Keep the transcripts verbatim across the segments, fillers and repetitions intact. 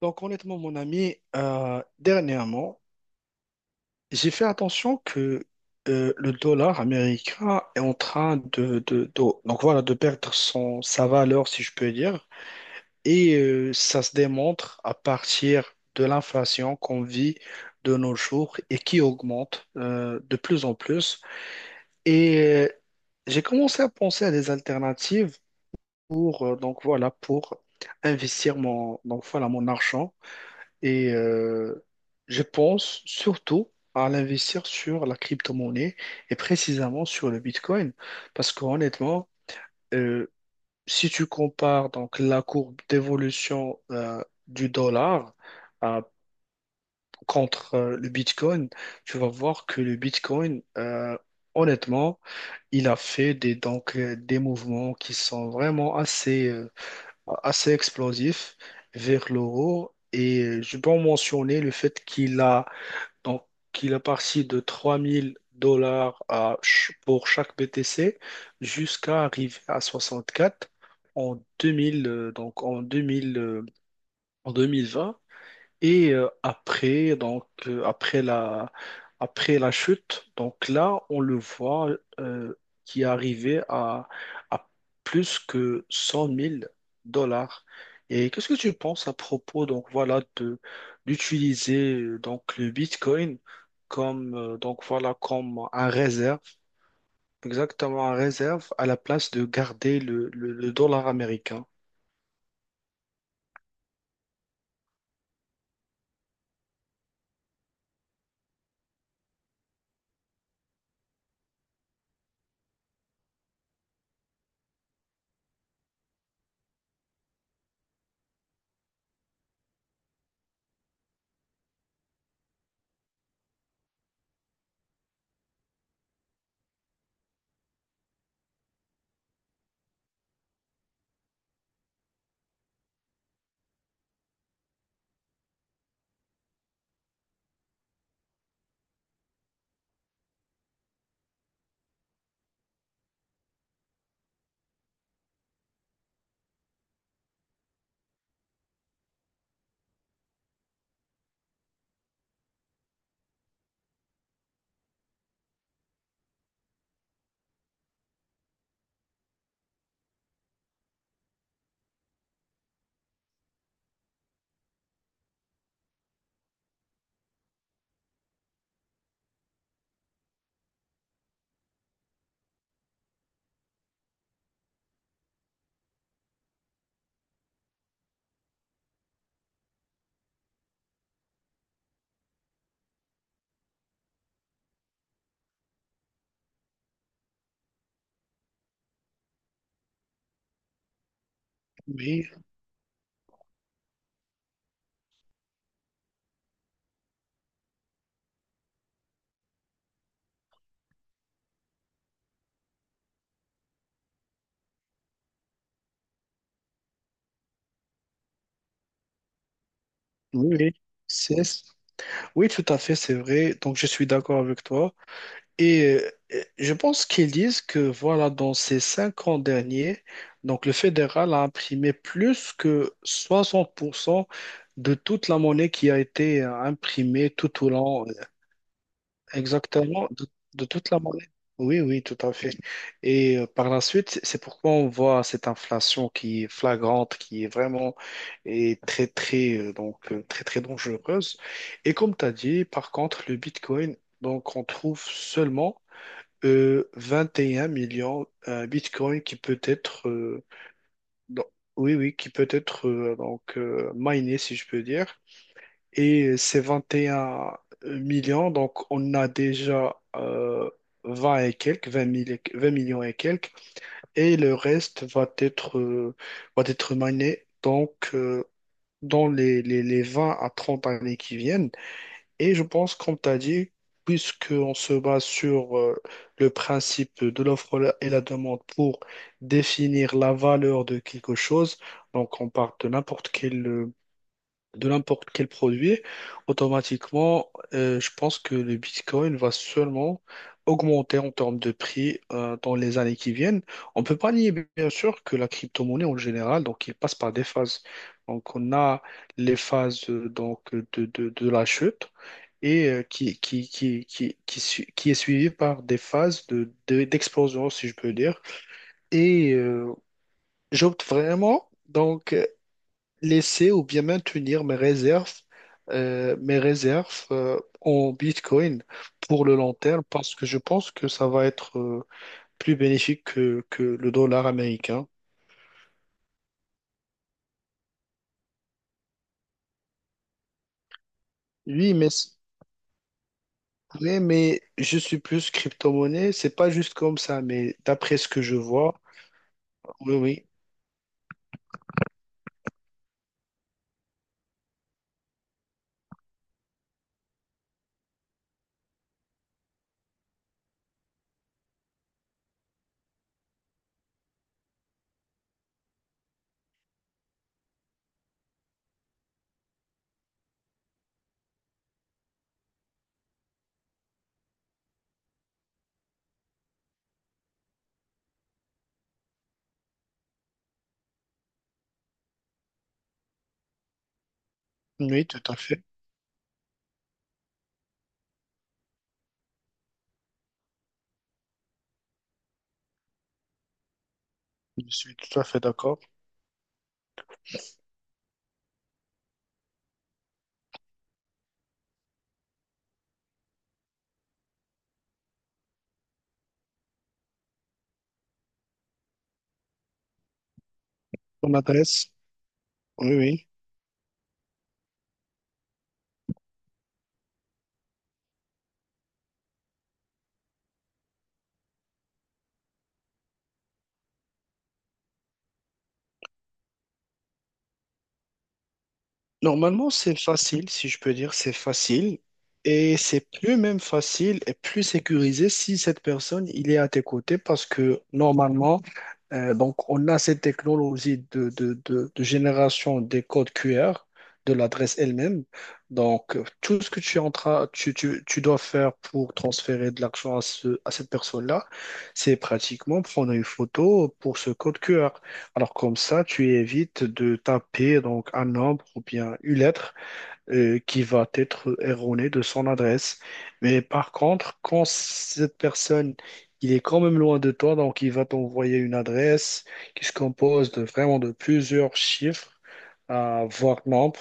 Donc honnêtement, mon ami, euh, dernièrement, j'ai fait attention que euh, le dollar américain est en train de, de, de- donc voilà, de perdre son, sa valeur, si je peux dire. Et euh, ça se démontre à partir de l'inflation qu'on vit de nos jours et qui augmente euh, de plus en plus. Et euh, j'ai commencé à penser à des alternatives pour, euh, donc voilà, pour investir mon, donc voilà, mon argent. Et euh, je pense surtout à l'investir sur la crypto-monnaie et précisément sur le Bitcoin. Parce qu'honnêtement, euh, si tu compares donc la courbe d'évolution euh, du dollar euh, contre euh, le Bitcoin, tu vas voir que le Bitcoin, euh, honnêtement, il a fait des, donc, euh, des mouvements qui sont vraiment assez, euh, assez explosifs vers l'euro. Et euh, je peux en mentionner le fait qu'il a donc, il est parti de trois mille dollars à, ch- pour chaque B T C jusqu'à arriver à soixante-quatre en deux mille, euh, donc en deux mille, euh, en deux mille vingt. Et euh, après, donc, euh, après la, après la chute, donc là, on le voit euh, qui est arrivé à, à plus que cent mille dollars. Et qu'est-ce que tu penses à propos, donc voilà, de d'utiliser euh, donc le Bitcoin comme euh, donc voilà comme un réserve, exactement un réserve à la place de garder le, le, le dollar américain. Oui, oui, oui. C'est Oui, tout à fait, c'est vrai. Donc, je suis d'accord avec toi. Et euh, je pense qu'ils disent que, voilà, dans ces cinq ans derniers, donc le fédéral a imprimé plus que soixante pour cent de toute la monnaie qui a été euh, imprimée tout au long, euh, exactement, de, de toute la monnaie. Oui, oui, tout à fait. Et euh, par la suite, c'est pourquoi on voit cette inflation qui est flagrante, qui est vraiment est très, très, euh, donc, euh, très, très dangereuse. Et comme tu as dit, par contre, le Bitcoin, donc, on trouve seulement euh, vingt et un millions euh, Bitcoin qui peut être, euh, donc, oui, oui, qui peut être euh, donc, euh, miné, si je peux dire, et c'est vingt et un millions. Donc, on a déjà euh, vingt et quelques, vingt mille et- vingt millions et quelques. Et le reste va être, euh, va être mané donc, euh, dans les, les, les vingt à trente années qui viennent. Et je pense, comme tu as dit, puisqu'on se base sur euh, le principe de l'offre et la demande pour définir la valeur de quelque chose, donc on part de n'importe quel euh, de n'importe quel produit, automatiquement, euh, je pense que le Bitcoin va seulement augmenter en termes de prix euh, dans les années qui viennent. On ne peut pas nier, bien sûr, que la crypto-monnaie en général, donc, il passe par des phases. Donc, on a les phases euh, donc, de, de, de la chute et euh, qui, qui, qui, qui, qui, su- qui est suivie par des phases de, de- d'explosion, si je peux dire. Et euh, j'opte vraiment. Donc, laisser ou bien maintenir mes réserves, euh, mes réserves euh, en Bitcoin pour le long terme parce que je pense que ça va être euh, plus bénéfique que, que le dollar américain. Oui, mais, mais, mais je suis plus crypto-monnaie, c'est pas juste comme ça, mais d'après ce que je vois, oui, oui, oui, tout à fait, je suis tout à fait d'accord. Ton adresse, oui, oui. Normalement, c'est facile, si je peux dire, c'est facile. Et c'est plus même facile et plus sécurisé si cette personne, il est à tes côtés parce que normalement, euh, donc on a cette technologie de, de, de, de génération des codes Q R de l'adresse elle-même. Donc, euh, tout ce que tu, es en train- tu, tu, tu dois faire pour transférer de l'argent à, ce, à cette personne-là, c'est pratiquement prendre une photo pour ce code Q R. Alors comme ça, tu évites de taper donc un nombre ou bien une lettre euh, qui va être erronée de son adresse. Mais par contre, quand cette personne, il est quand même loin de toi, donc il va t'envoyer une adresse qui se compose de vraiment de plusieurs chiffres, à voire nombres,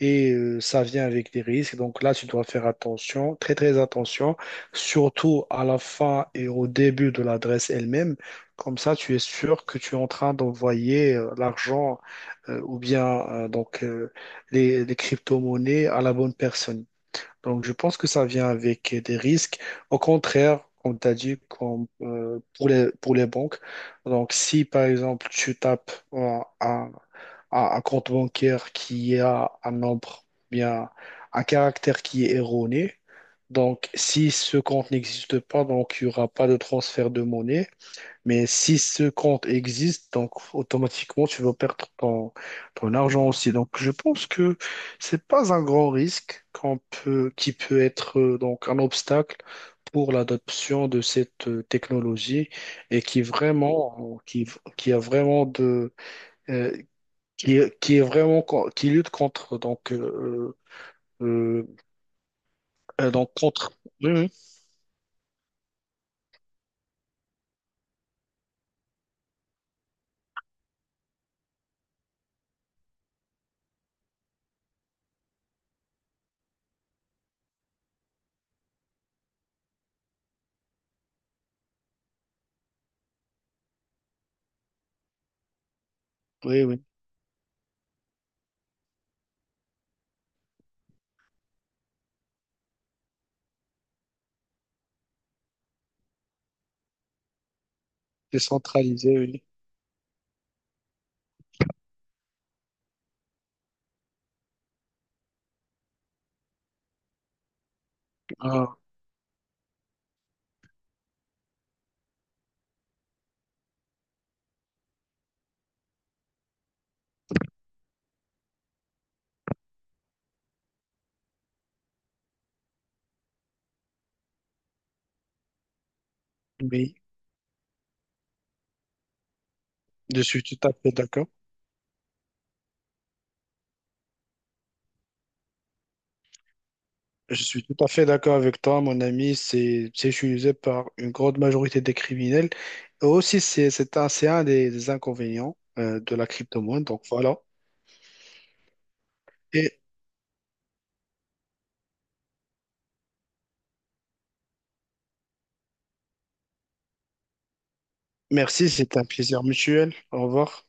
et euh, ça vient avec des risques. Donc là, tu dois faire attention, très très attention, surtout à la fin et au début de l'adresse elle-même. Comme ça, tu es sûr que tu es en train d'envoyer euh, l'argent euh, ou bien euh, donc euh, les, les crypto-monnaies à la bonne personne. Donc, je pense que ça vient avec des risques. Au contraire, comme tu as dit, comme, euh, pour les, pour les banques. Donc, si par exemple, tu tapes euh, un, un- un compte bancaire qui a un nombre, bien, un caractère qui est erroné, donc, si ce compte n'existe pas, donc il n'y aura pas de transfert de monnaie. Mais si ce compte existe, donc automatiquement, tu vas perdre ton, ton argent aussi. Donc, je pense que c'est pas un grand risque qu'on peut, qui peut être euh, donc un obstacle pour l'adoption de cette euh, technologie et qui vraiment, qui, qui a vraiment de, euh, qui, qui est vraiment, co- qui lutte contre, donc, euh, euh, euh, donc contre, oui, oui, oui, oui, décentralisé, oui. Ah, oui, je suis tout à fait d'accord. Je suis tout à fait d'accord avec toi, mon ami. C'est c'est utilisé par une grande majorité des criminels. Et aussi, c'est c'est un, c'est un des, des inconvénients euh, de la crypto-monnaie. Donc voilà. Et merci, c'est un plaisir mutuel. Au revoir.